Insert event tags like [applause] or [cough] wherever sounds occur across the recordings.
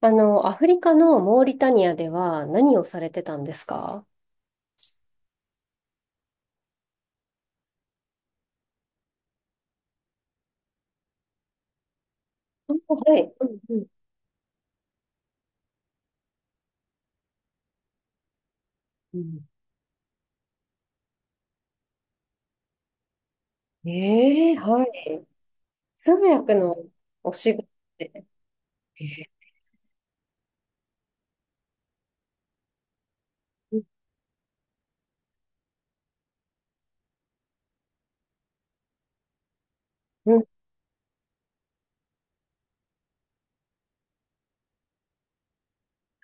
アフリカのモーリタニアでは何をされてたんですか？あ、はい。うんうん。うん、ええ、はい。通訳のお仕事で。えーうん、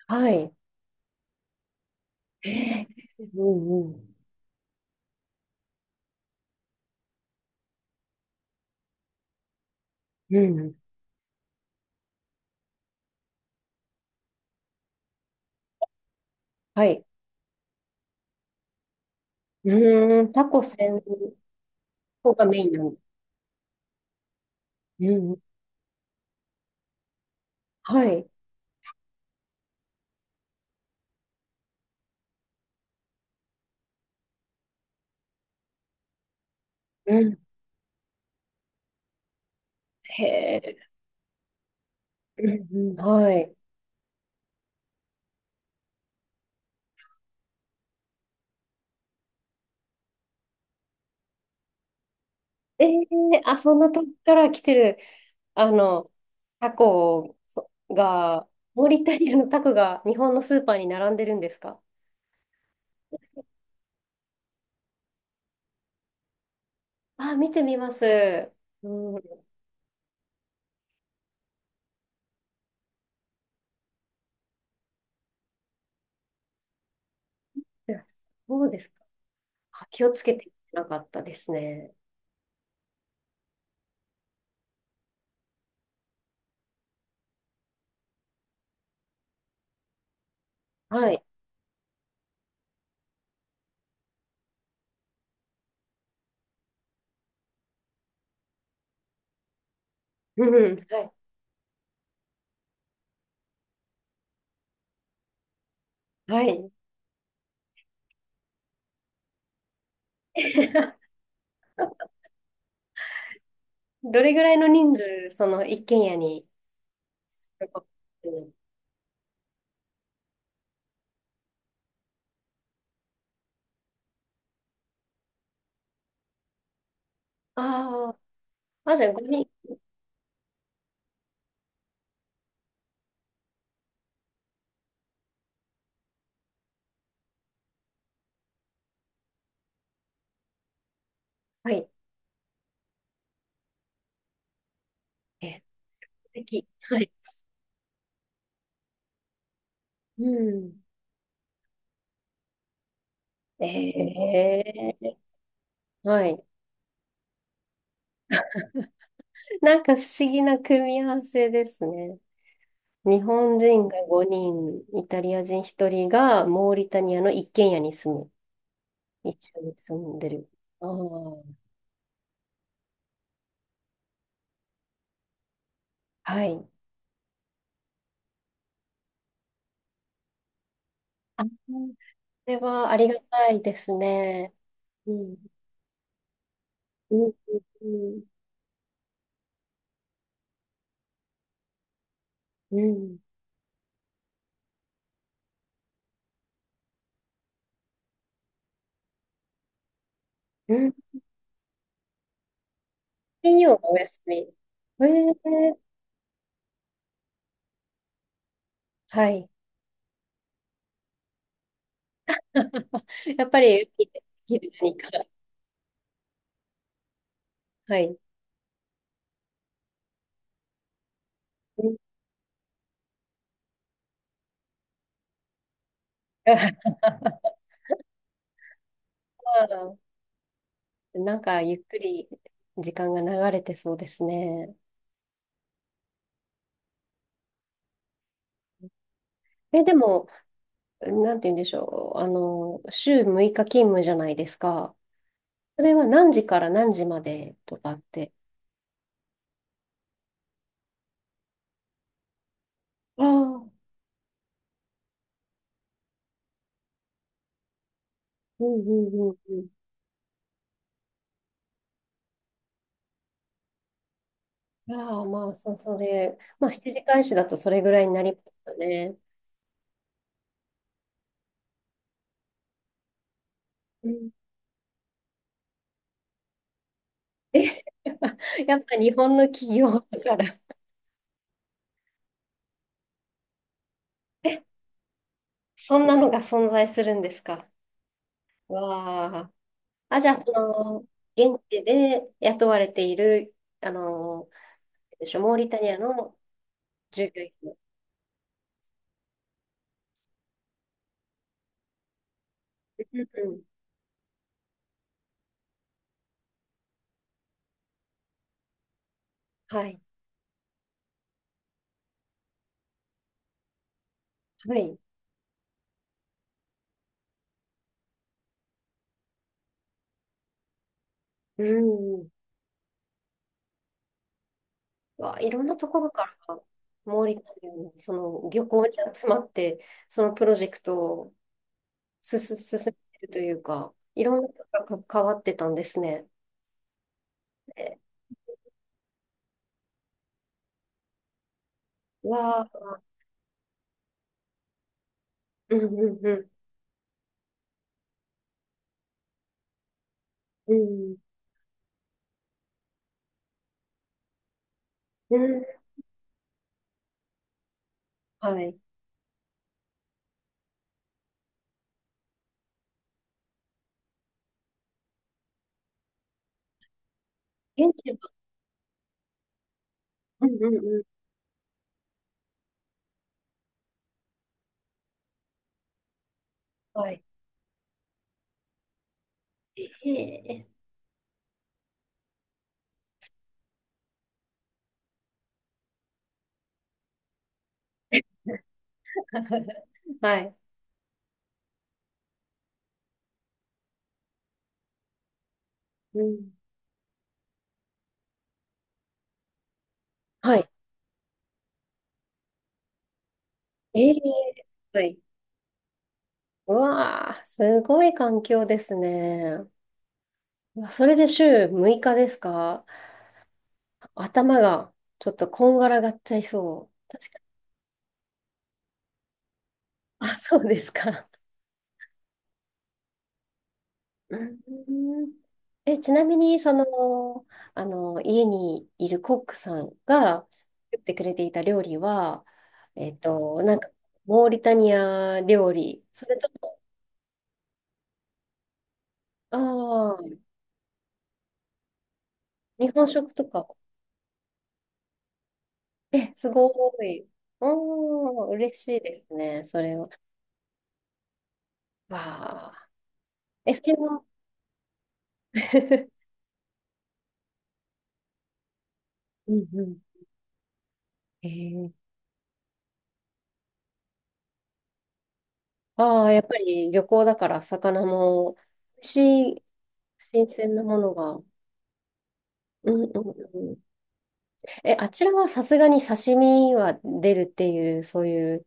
はい。ええ。うんうん。うん。はい。タコ専攻がメインなんです？うんうん。はい。うん。へえ。うんうん。はい。ええ。あ、そんなとこから来てる。あの、タコそが、モーリタリアのタコが日本のスーパーに並んでるんですか？あ、見てみます。うん。そうですか。あ、気をつけてなかったですね。はい。うん。はい。はい。[laughs] どれぐらいの人数、その一軒家に？ああー、あ、じゃあ5人。はい。え、素敵。はい。うん。ええ、はい。なんか不思議な組み合わせですね。日本人が5人、イタリア人1人がモーリタニアの一軒家に住む。一緒に住んでる。ああ、はい。あ、それはありがたいですね。うん。うん。うん。うん。うん。金曜がお休み。ー、はい。[laughs] やっぱり、昼何か？はい。うん。あー、なんか、ゆっくり時間が流れてそうですね。え、でも、なんて言うんでしょう。週6日勤務じゃないですか？それは何時から何時までとかって？ああ、うんうんうんうん。ああ、まあ、それ、まあ、7時開始だとそれぐらいになりますよね。うん。[laughs] え、やっぱ日本の企業だから、[laughs] え、そんなのが存在するんですか？わあ。あ、じゃあ、その、現地で雇われている、あの、でしょ、モーリタニアの従業員の。うんうん。はい。はい。うん。うわ、いろんなところから、モーリタニアのその漁港に集まって、そのプロジェクトを進めてるというか、いろんな人が関わってたんですね。で、うわあ、うんうんうん、うん、うん、はい。現地は、うんうんうん、はい。ええ。 [laughs] はい。うん、はい。ええ、はい。うわあ、すごい環境ですね。うわ、それで週6日ですか？頭がちょっとこんがらがっちゃいそう。確かに。あ、そうですか。うん。え、ちなみに、家にいるコックさんが作ってくれていた料理は、なんか、モーリタニア料理、それとも、ああ、日本食とか？え、すごい。おー、嬉しいですね、それは。わあ。え、それは、[laughs] うんうん。えーああ、やっぱり漁港だから魚も美味しい新鮮なものが。うんうんうん。え、あちらはさすがに刺身は出るっていう、そういう。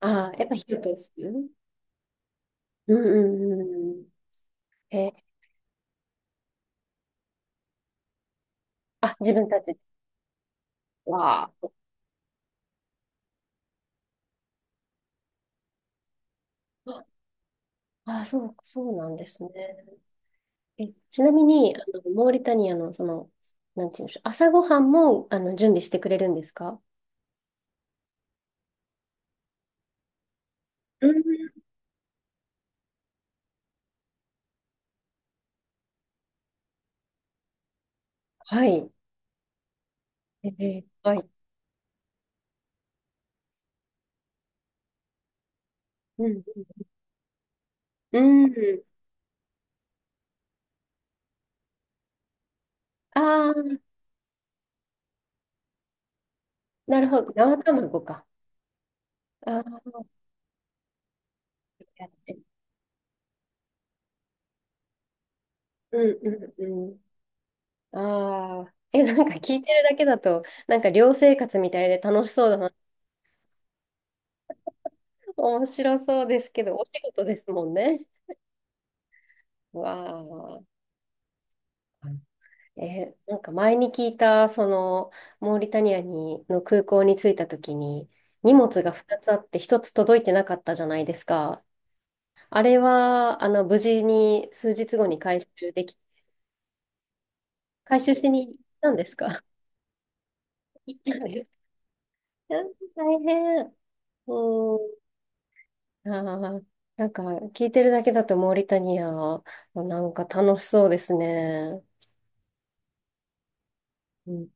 ああ、やっぱ火を通す。うんうんうんうん。え、あ、自分たち？わあ。ああ、そう、そうなんですね。え、ちなみに、モーリタニアの、なんていうんでしょう、朝ごはんも、準備してくれるんですか？うん。はい。はい。うん。うん。ああ、なるほど。生卵か。ああ、やって。うんうんうん。ああ。え、なんか聞いてるだけだと、なんか寮生活みたいで楽しそうだな。面白そうですけど、[laughs] お仕事ですもんね。わあ。え、なんか前に聞いた、モーリタニアに、の空港に着いた時に、荷物が2つあって1つ届いてなかったじゃないですか。あれは、無事に数日後に回収でき、回収しに行ったんですか？行ったんです。うん、大変。うん。ああ、なんか聞いてるだけだとモーリタニア、なんか楽しそうですね。うん。